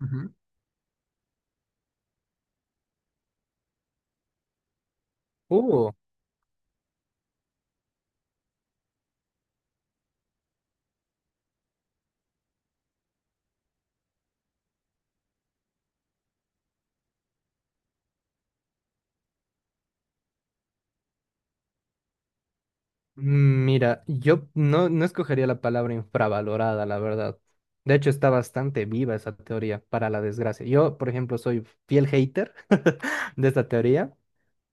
Ujú. Uh, Mira, yo no escogería la palabra infravalorada, la verdad. De hecho, está bastante viva esa teoría, para la desgracia. Yo, por ejemplo, soy fiel hater de esta teoría,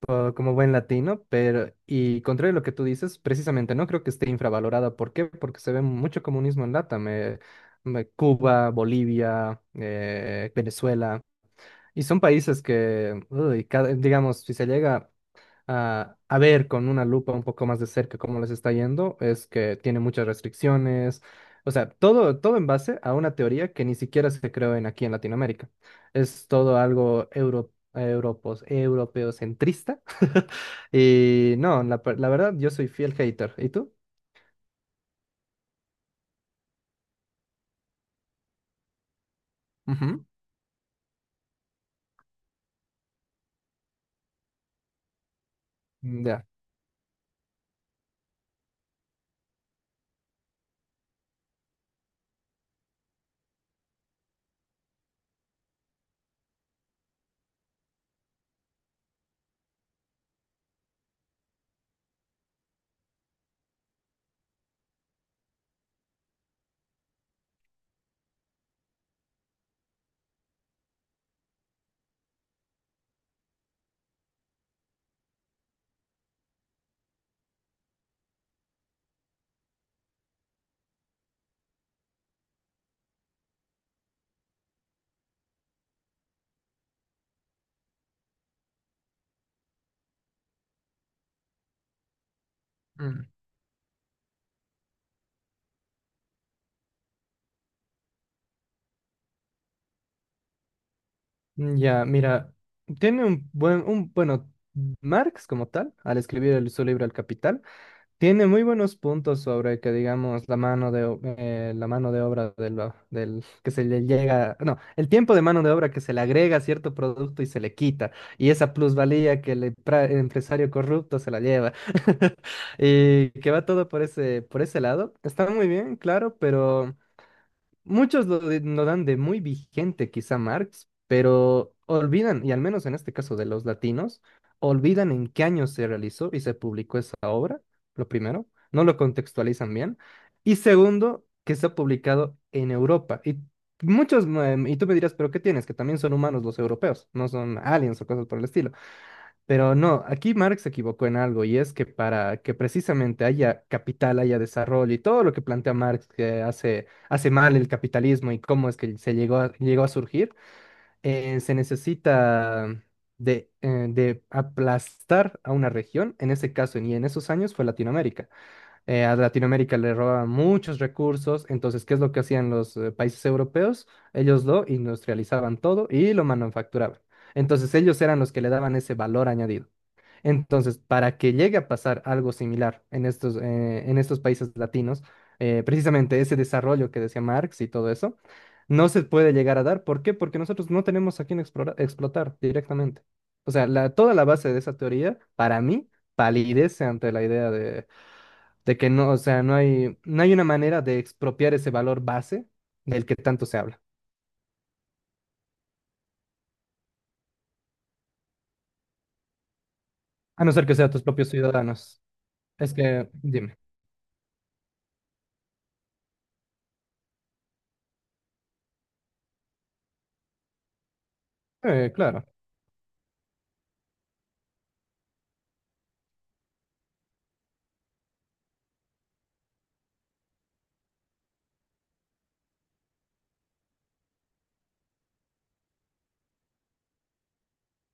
como buen latino, pero, y contrario a lo que tú dices, precisamente no creo que esté infravalorada. ¿Por qué? Porque se ve mucho comunismo en LATAM, Cuba, Bolivia, Venezuela, y son países que, uy, digamos, si se llega a ver con una lupa un poco más de cerca cómo les está yendo, es que tiene muchas restricciones, o sea, todo en base a una teoría que ni siquiera se creó en aquí en Latinoamérica. Es todo algo europeocentrista. Y no, la verdad, yo soy fiel hater. ¿Y tú? Ujú. Ya. Mm. Ya, mira, tiene un buen, un, bueno, Marx como tal, al escribir su libro El Capital, tiene muy buenos puntos sobre que, digamos, la mano de obra del que se le llega, no, el tiempo de mano de obra que se le agrega a cierto producto y se le quita, y esa plusvalía que el empresario corrupto se la lleva, y que va todo por ese lado. Está muy bien, claro, pero... Muchos lo dan de muy vigente quizá Marx, pero olvidan, y al menos en este caso de los latinos, olvidan en qué año se realizó y se publicó esa obra, lo primero, no lo contextualizan bien, y segundo, que se ha publicado en Europa. Y muchos, mm, y tú me dirás, pero ¿qué tienes? Que también son humanos los europeos, no son aliens o cosas por el estilo. Pero no, aquí Marx se equivocó en algo y es que para que precisamente haya capital, haya desarrollo y todo lo que plantea Marx que hace mal el capitalismo y cómo es que se llegó a surgir, se necesita de aplastar a una región, en ese caso y en esos años fue Latinoamérica. A Latinoamérica le robaban muchos recursos, entonces, ¿qué es lo que hacían los países europeos? Ellos lo industrializaban todo y lo manufacturaban. Entonces ellos eran los que le daban ese valor añadido. Entonces, para que llegue a pasar algo similar en en estos países latinos, precisamente ese desarrollo que decía Marx y todo eso, no se puede llegar a dar. ¿Por qué? Porque nosotros no tenemos a quién explotar directamente. O sea, toda la base de esa teoría, para mí, palidece ante la idea de que no, o sea, no hay una manera de expropiar ese valor base del que tanto se habla, a no ser que sean tus propios ciudadanos. Es que, dime. Claro.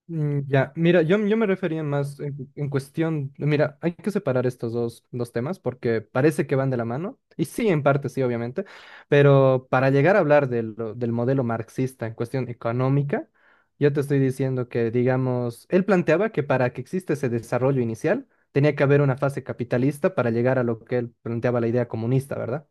Ya, mira, yo me refería más en cuestión, mira, hay que separar estos dos temas porque parece que van de la mano, y sí, en parte sí, obviamente, pero para llegar a hablar de del modelo marxista en cuestión económica, yo te estoy diciendo que, digamos, él planteaba que para que exista ese desarrollo inicial, tenía que haber una fase capitalista para llegar a lo que él planteaba la idea comunista, ¿verdad?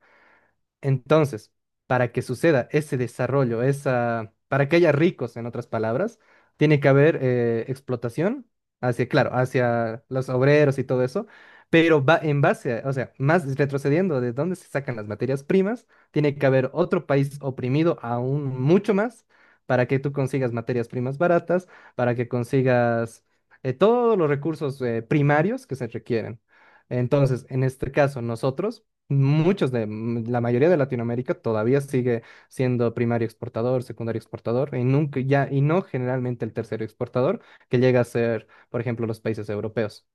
Entonces, para que suceda ese desarrollo, esa, para que haya ricos, en otras palabras, tiene que haber explotación hacia, claro, hacia los obreros y todo eso, pero va en base a, o sea, más retrocediendo de dónde se sacan las materias primas, tiene que haber otro país oprimido aún mucho más para que tú consigas materias primas baratas, para que consigas todos los recursos primarios que se requieren. Entonces, en este caso, nosotros muchos de la mayoría de Latinoamérica todavía sigue siendo primario exportador, secundario exportador y nunca ya y no generalmente el tercero exportador que llega a ser, por ejemplo, los países europeos.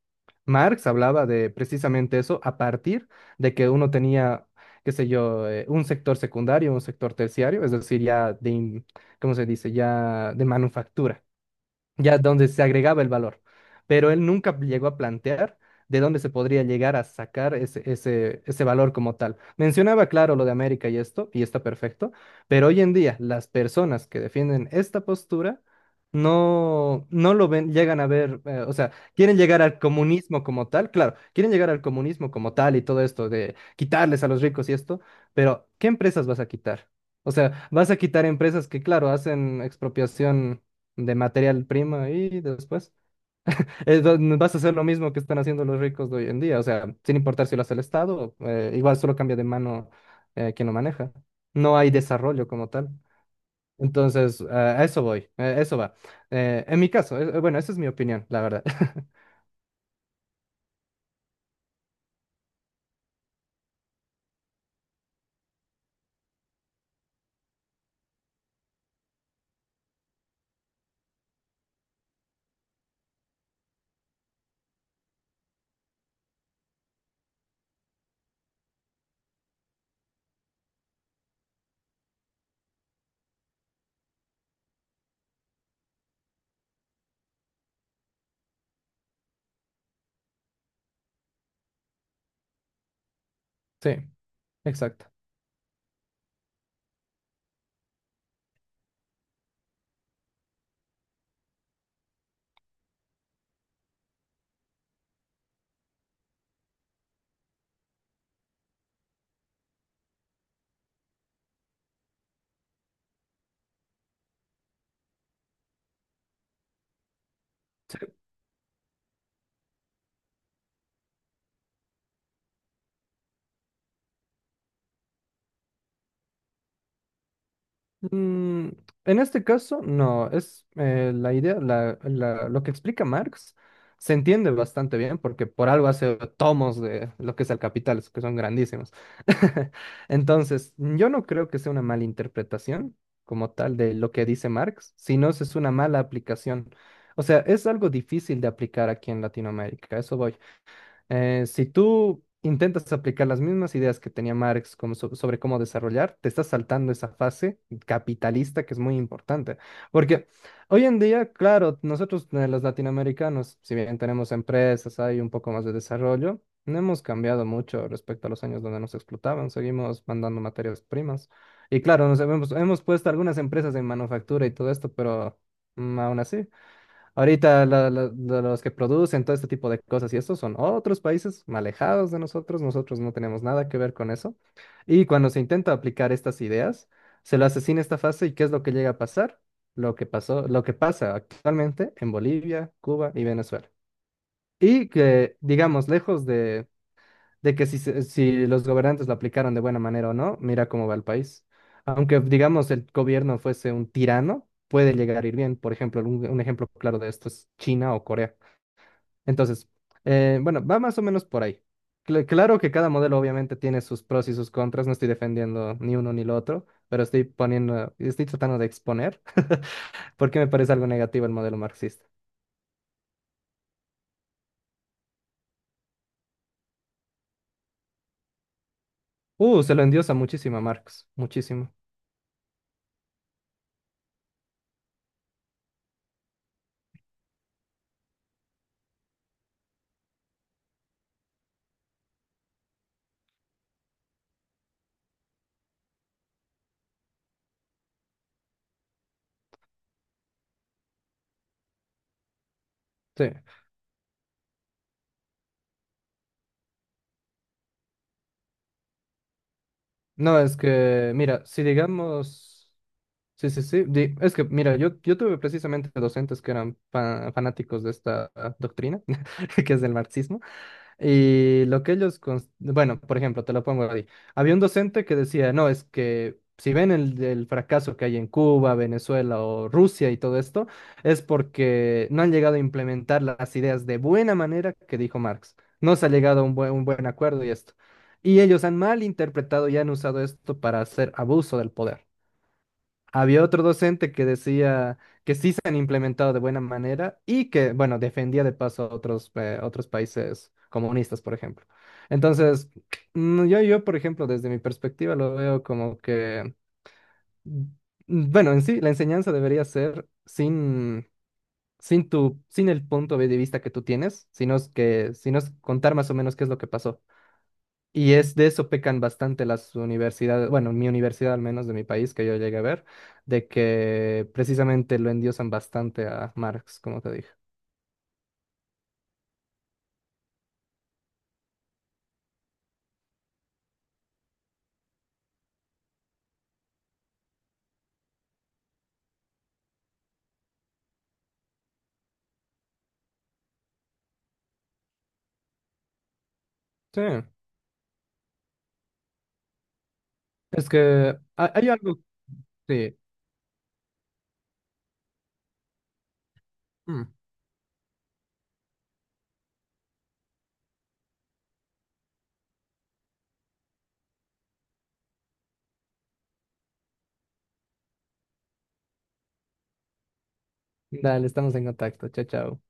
Marx hablaba de precisamente eso a partir de que uno tenía, qué sé yo, un sector secundario, un sector terciario, es decir, ¿cómo se dice? Ya de manufactura ya donde se agregaba el valor. Pero él nunca llegó a plantear de dónde se podría llegar a sacar ese valor como tal. Mencionaba, claro, lo de América y esto, y está perfecto, pero hoy en día las personas que defienden esta postura no lo ven, llegan a ver, o sea, quieren llegar al comunismo como tal, claro, quieren llegar al comunismo como tal y todo esto de quitarles a los ricos y esto, pero ¿qué empresas vas a quitar? O sea, vas a quitar empresas que, claro, hacen expropiación de material prima y después vas a hacer lo mismo que están haciendo los ricos de hoy en día, o sea, sin importar si lo hace el Estado, igual solo cambia de mano quien lo maneja. No hay desarrollo como tal. Entonces, a eso voy, eso va. En mi caso, bueno, esa es mi opinión, la verdad. Sí, exacto. Sí. Mm, en este caso, no, es la idea, lo que explica Marx se entiende bastante bien porque por algo hace tomos de lo que es el capital, que son grandísimos. Entonces, yo no creo que sea una mala interpretación como tal de lo que dice Marx, sino es una mala aplicación. O sea, es algo difícil de aplicar aquí en Latinoamérica, a eso voy. Si tú intentas aplicar las mismas ideas que tenía Marx sobre cómo desarrollar, te estás saltando esa fase capitalista que es muy importante. Porque hoy en día, claro, nosotros los latinoamericanos, si bien tenemos empresas, hay un poco más de desarrollo, no hemos cambiado mucho respecto a los años donde nos explotaban, seguimos mandando materias primas. Y claro, hemos puesto algunas empresas en manufactura y todo esto, pero aún así. Ahorita de los que producen todo este tipo de cosas y estos son otros países alejados de nosotros, nosotros no tenemos nada que ver con eso. Y cuando se intenta aplicar estas ideas, se lo asesina esta fase y ¿qué es lo que llega a pasar? Lo que pasó, lo que pasa actualmente en Bolivia, Cuba y Venezuela. Y que, digamos, lejos de que si, si los gobernantes lo aplicaron de buena manera o no, mira cómo va el país. Aunque, digamos, el gobierno fuese un tirano, puede llegar a ir bien. Por ejemplo, un ejemplo claro de esto es China o Corea. Entonces, bueno, va más o menos por ahí. Claro que cada modelo obviamente tiene sus pros y sus contras, no estoy defendiendo ni uno ni lo otro, pero estoy poniendo, estoy tratando de exponer porque me parece algo negativo el modelo marxista. Se lo endiosa muchísimo a Marx, muchísimo. Sí. No, es que, mira, si digamos... Sí, sí, sí. Es que, mira, yo tuve precisamente docentes que eran fanáticos de esta doctrina, que es del marxismo, y lo que ellos, bueno, por ejemplo, te lo pongo ahí. Había un docente que decía, no, es que si ven el fracaso que hay en Cuba, Venezuela o Rusia y todo esto, es porque no han llegado a implementar las ideas de buena manera que dijo Marx. No se ha llegado a un buen acuerdo y esto. Y ellos han mal interpretado y han usado esto para hacer abuso del poder. Había otro docente que decía que sí se han implementado de buena manera y que, bueno, defendía de paso a otros países comunistas, por ejemplo. Entonces, yo, por ejemplo, desde mi perspectiva lo veo como que, mm, bueno, en sí, la enseñanza debería ser sin tu, sin el punto de vista que tú tienes, sino es contar más o menos qué es lo que pasó. Y es de eso pecan bastante las universidades, bueno, mi universidad al menos de mi país que yo llegué a ver, de que precisamente lo endiosan bastante a Marx, como te dije. Sí, es que hay algo, sí. Mm. Dale, estamos en contacto. Chao, chao.